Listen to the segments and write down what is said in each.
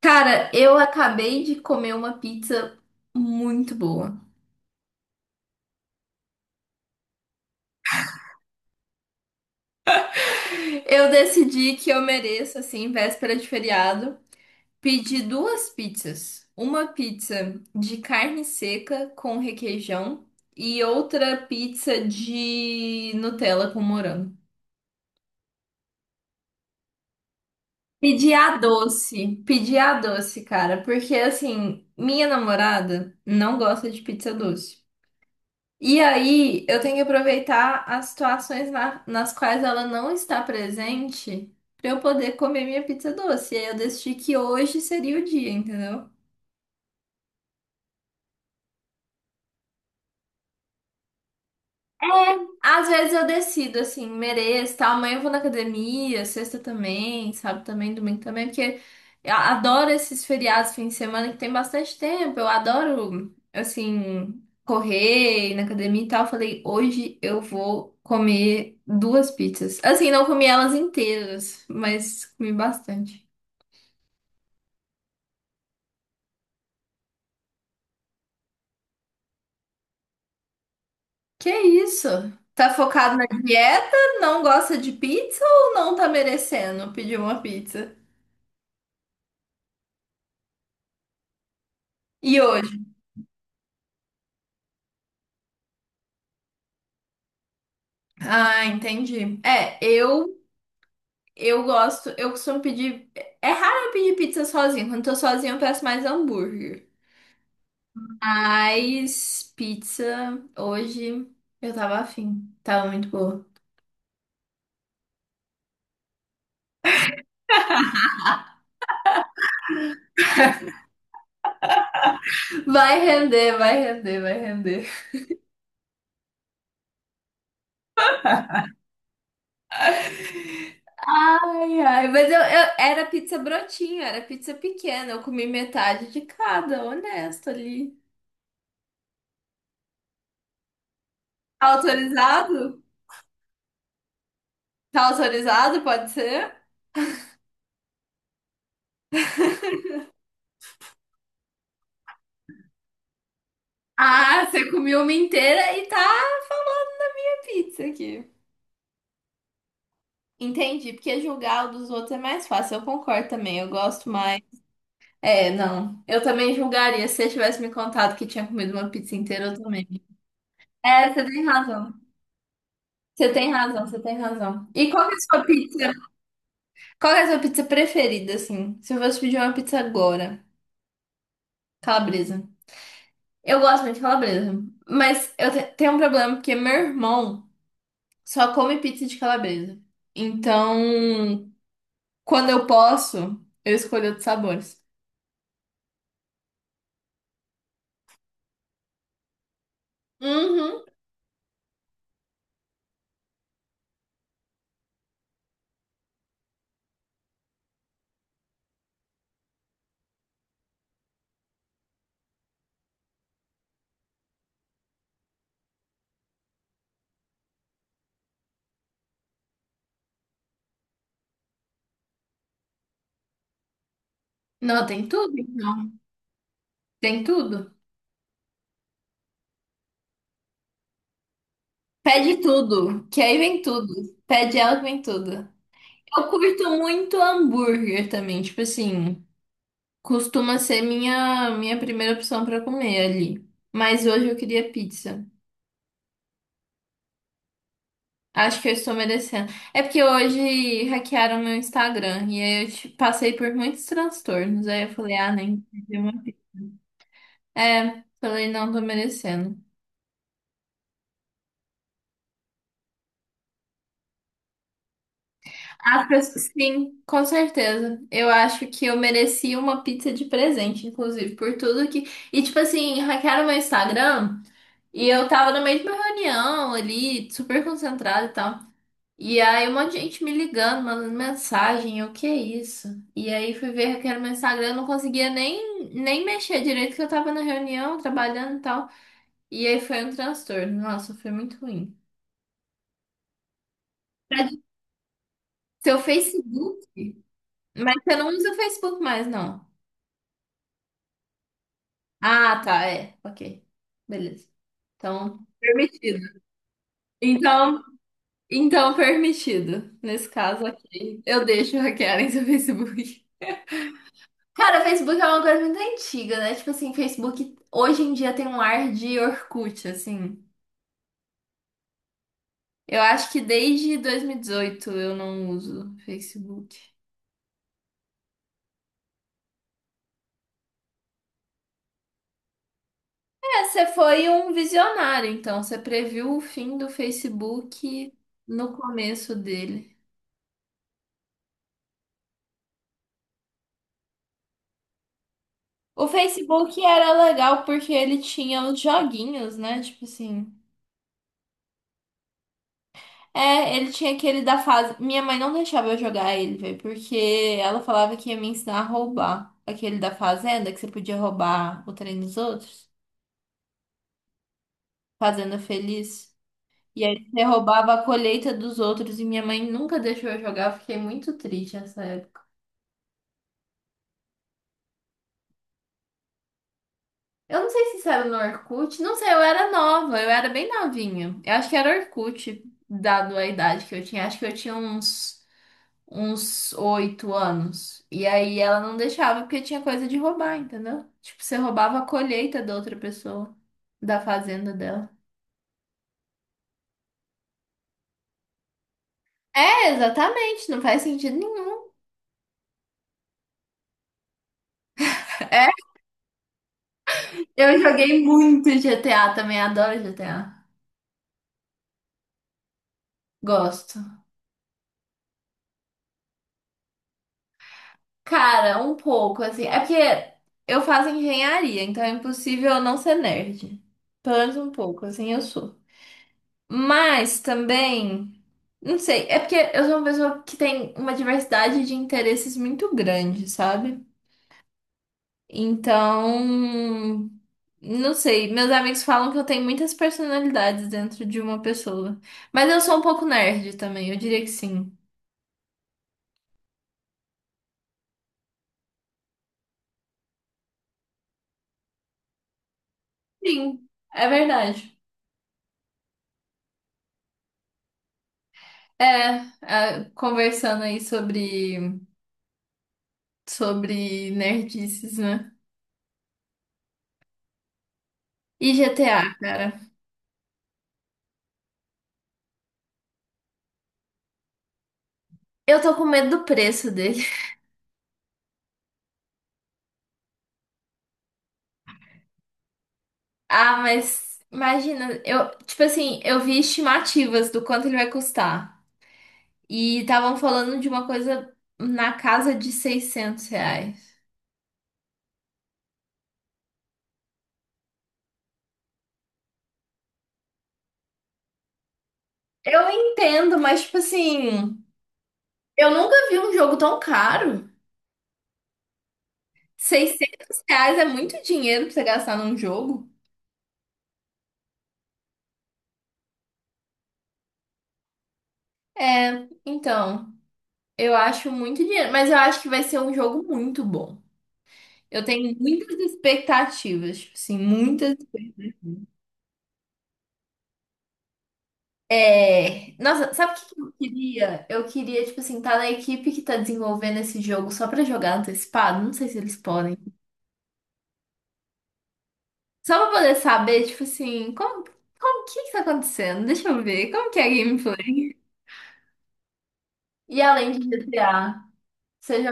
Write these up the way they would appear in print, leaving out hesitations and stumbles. Cara, eu acabei de comer uma pizza muito boa. Eu decidi que eu mereço, assim, véspera de feriado, pedir duas pizzas. Uma pizza de carne seca com requeijão e outra pizza de Nutella com morango. Pedi a doce, cara, porque assim, minha namorada não gosta de pizza doce. E aí, eu tenho que aproveitar as situações nas quais ela não está presente para eu poder comer minha pizza doce. E aí eu decidi que hoje seria o dia, entendeu? Às vezes eu decido, assim, mereço, tal. Amanhã eu vou na academia, sexta também, sábado também, domingo também, porque eu adoro esses feriados, fim de semana, que tem bastante tempo. Eu adoro, assim, correr, ir na academia e tal. Eu falei, hoje eu vou comer duas pizzas. Assim, não comi elas inteiras, mas comi bastante. Que isso? Tá focado na dieta? Não gosta de pizza ou não tá merecendo pedir uma pizza? E hoje? Ah, entendi. É, eu gosto, eu costumo pedir. É raro eu pedir pizza sozinha. Quando eu tô sozinha, eu peço mais hambúrguer. Mas pizza hoje eu tava afim. Tava muito boa. Vai render, vai render, vai render. Ai, ai, mas era pizza brotinho, era pizza pequena. Eu comi metade de cada, honesto ali. Tá autorizado? Tá autorizado? Pode ser? Ah, você comeu uma inteira e tá falando da minha pizza aqui. Entendi, porque julgar o dos outros é mais fácil. Eu concordo também, eu gosto mais. É, não. Eu também julgaria. Se você tivesse me contado que tinha comido uma pizza inteira, eu também. É, você tem razão. Você tem razão, você tem razão. E qual que é a sua pizza? Qual que é a sua pizza preferida, assim? Se eu fosse pedir uma pizza agora, calabresa. Eu gosto muito de calabresa, mas eu tenho um problema porque meu irmão. Só come pizza de calabresa. Então, quando eu posso, eu escolho outros sabores. Uhum. Não, tem tudo. Tem tudo. Pede tudo, que aí vem tudo. Pede ela que vem tudo. Eu curto muito hambúrguer também, tipo assim, costuma ser minha primeira opção pra comer ali. Mas hoje eu queria pizza. Acho que eu estou merecendo. É porque hoje hackearam meu Instagram e aí eu passei por muitos transtornos. Aí eu falei, ah, nem. É, também não tô merecendo. As pessoas, sim, com certeza. Eu acho que eu mereci uma pizza de presente, inclusive, por tudo que. E, tipo assim, hackearam meu Instagram e eu tava no meio de uma reunião ali, super concentrada e tal. E aí, um monte de gente me ligando, mandando mensagem, eu, que isso? E aí, fui ver hackearam meu Instagram, eu não conseguia nem mexer direito, que eu tava na reunião, trabalhando e tal. E aí, foi um transtorno. Nossa, foi muito ruim. Pra- Seu Facebook. Mas você não usa o Facebook mais, não. Ah, tá, é. Ok. Beleza. Então, permitido. Então, então, permitido. Nesse caso aqui, eu deixo hackearem seu Facebook. Cara, o Facebook é uma coisa muito antiga, né? Tipo assim, Facebook hoje em dia tem um ar de Orkut, assim. Eu acho que desde 2018 eu não uso Facebook. É, você foi um visionário, então. Você previu o fim do Facebook no começo dele. O Facebook era legal porque ele tinha os joguinhos, né? Tipo assim. É, ele tinha aquele da fase. Minha mãe não deixava eu jogar ele, velho, porque ela falava que ia me ensinar a roubar. Aquele da fazenda, que você podia roubar o trem dos outros. Fazenda Feliz. E aí você roubava a colheita dos outros e minha mãe nunca deixou eu jogar. Eu fiquei muito triste nessa época. Eu não sei se isso era no Orkut, não sei, eu era nova, eu era bem novinha. Eu acho que era Orkut, dado a idade que eu tinha. Acho que eu tinha uns 8 anos. E aí ela não deixava porque tinha coisa de roubar, entendeu? Tipo, você roubava a colheita da outra pessoa, da fazenda dela. É, exatamente, não faz sentido nenhum. É, eu joguei muito GTA também, adoro GTA. Gosto. Cara, um pouco, assim. É porque eu faço engenharia, então é impossível eu não ser nerd. Pelo menos um pouco, assim eu sou. Mas também, não sei, é porque eu sou uma pessoa que tem uma diversidade de interesses muito grande, sabe? Então, não sei, meus amigos falam que eu tenho muitas personalidades dentro de uma pessoa. Mas eu sou um pouco nerd também, eu diria que sim. Sim, é verdade. É, é, conversando aí sobre nerdices, né? E GTA, cara. Eu tô com medo do preço. Ah, mas imagina, eu, tipo assim, eu vi estimativas do quanto ele vai custar. E estavam falando de uma coisa na casa de 600 reais. Eu entendo, mas tipo assim, eu nunca vi um jogo tão caro. 600 reais é muito dinheiro pra você gastar num jogo. É, então, eu acho muito dinheiro, mas eu acho que vai ser um jogo muito bom. Eu tenho muitas expectativas, tipo assim, muitas. É, nossa, sabe o que que eu queria? Eu queria, tipo assim, tá na equipe que tá desenvolvendo esse jogo só pra jogar antecipado. Não sei se eles podem. Só pra poder saber, tipo assim, como que tá acontecendo? Deixa eu ver, como que é a gameplay? E além de GTA. seja...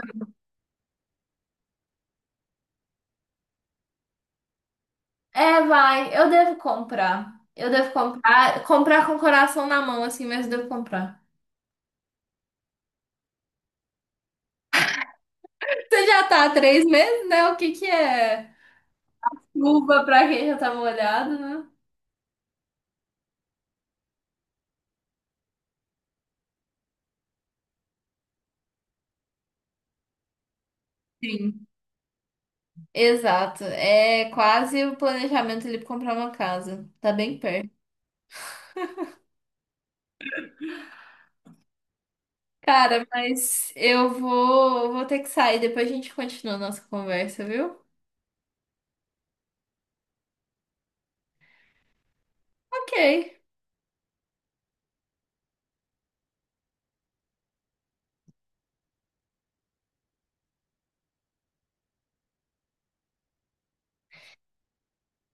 É, vai, eu devo comprar. Eu devo comprar, comprar com o coração na mão, assim, mas eu devo comprar. Você já tá há 3 meses, né? O que que é luva pra quem já tá molhado, né? Sim. Exato. É quase o planejamento ali pra comprar uma casa. Tá bem perto. Cara, mas eu vou ter que sair. Depois a gente continua a nossa conversa, viu? Ok.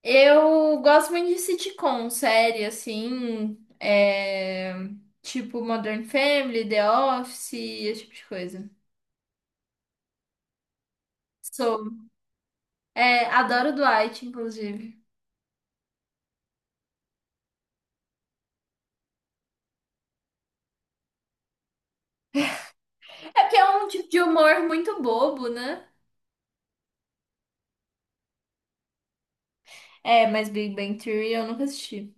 Eu gosto muito de sitcom, série, assim. É, tipo Modern Family, The Office, esse tipo de coisa. Sou. É, adoro Dwight, inclusive. É porque é um tipo de humor muito bobo, né? É, mas Big Bang Theory eu nunca assisti.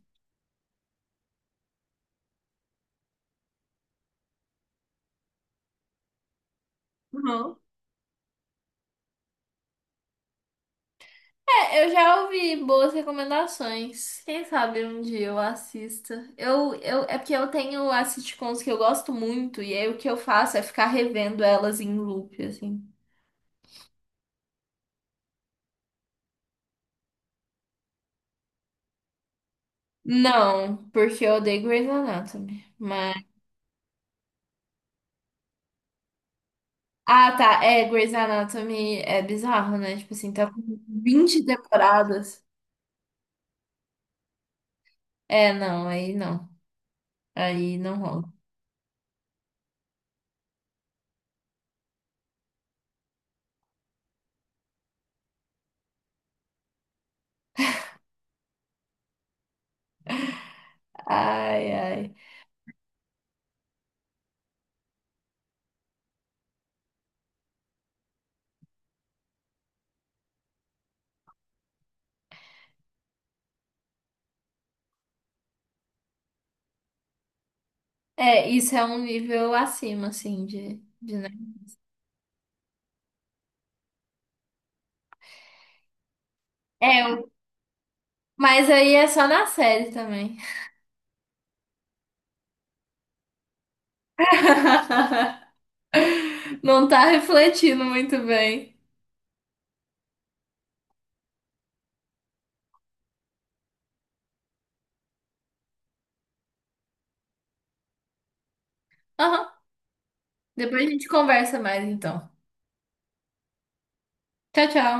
É, eu já ouvi boas recomendações. Quem sabe um dia eu assista. É porque eu tenho as sitcoms que eu gosto muito, e aí o que eu faço é ficar revendo elas em loop, assim. Não, porque eu odeio Grey's Anatomy. Mas. Ah, tá. É, Grey's Anatomy é bizarro, né? Tipo assim, tá com 20 temporadas. É, não, aí não. Aí não rola. Ai, ai. É, isso é um nível acima, assim, de, né? É, mas aí é só na série também. Não tá refletindo muito bem. Aham. Depois a gente conversa mais, então. Tchau, tchau.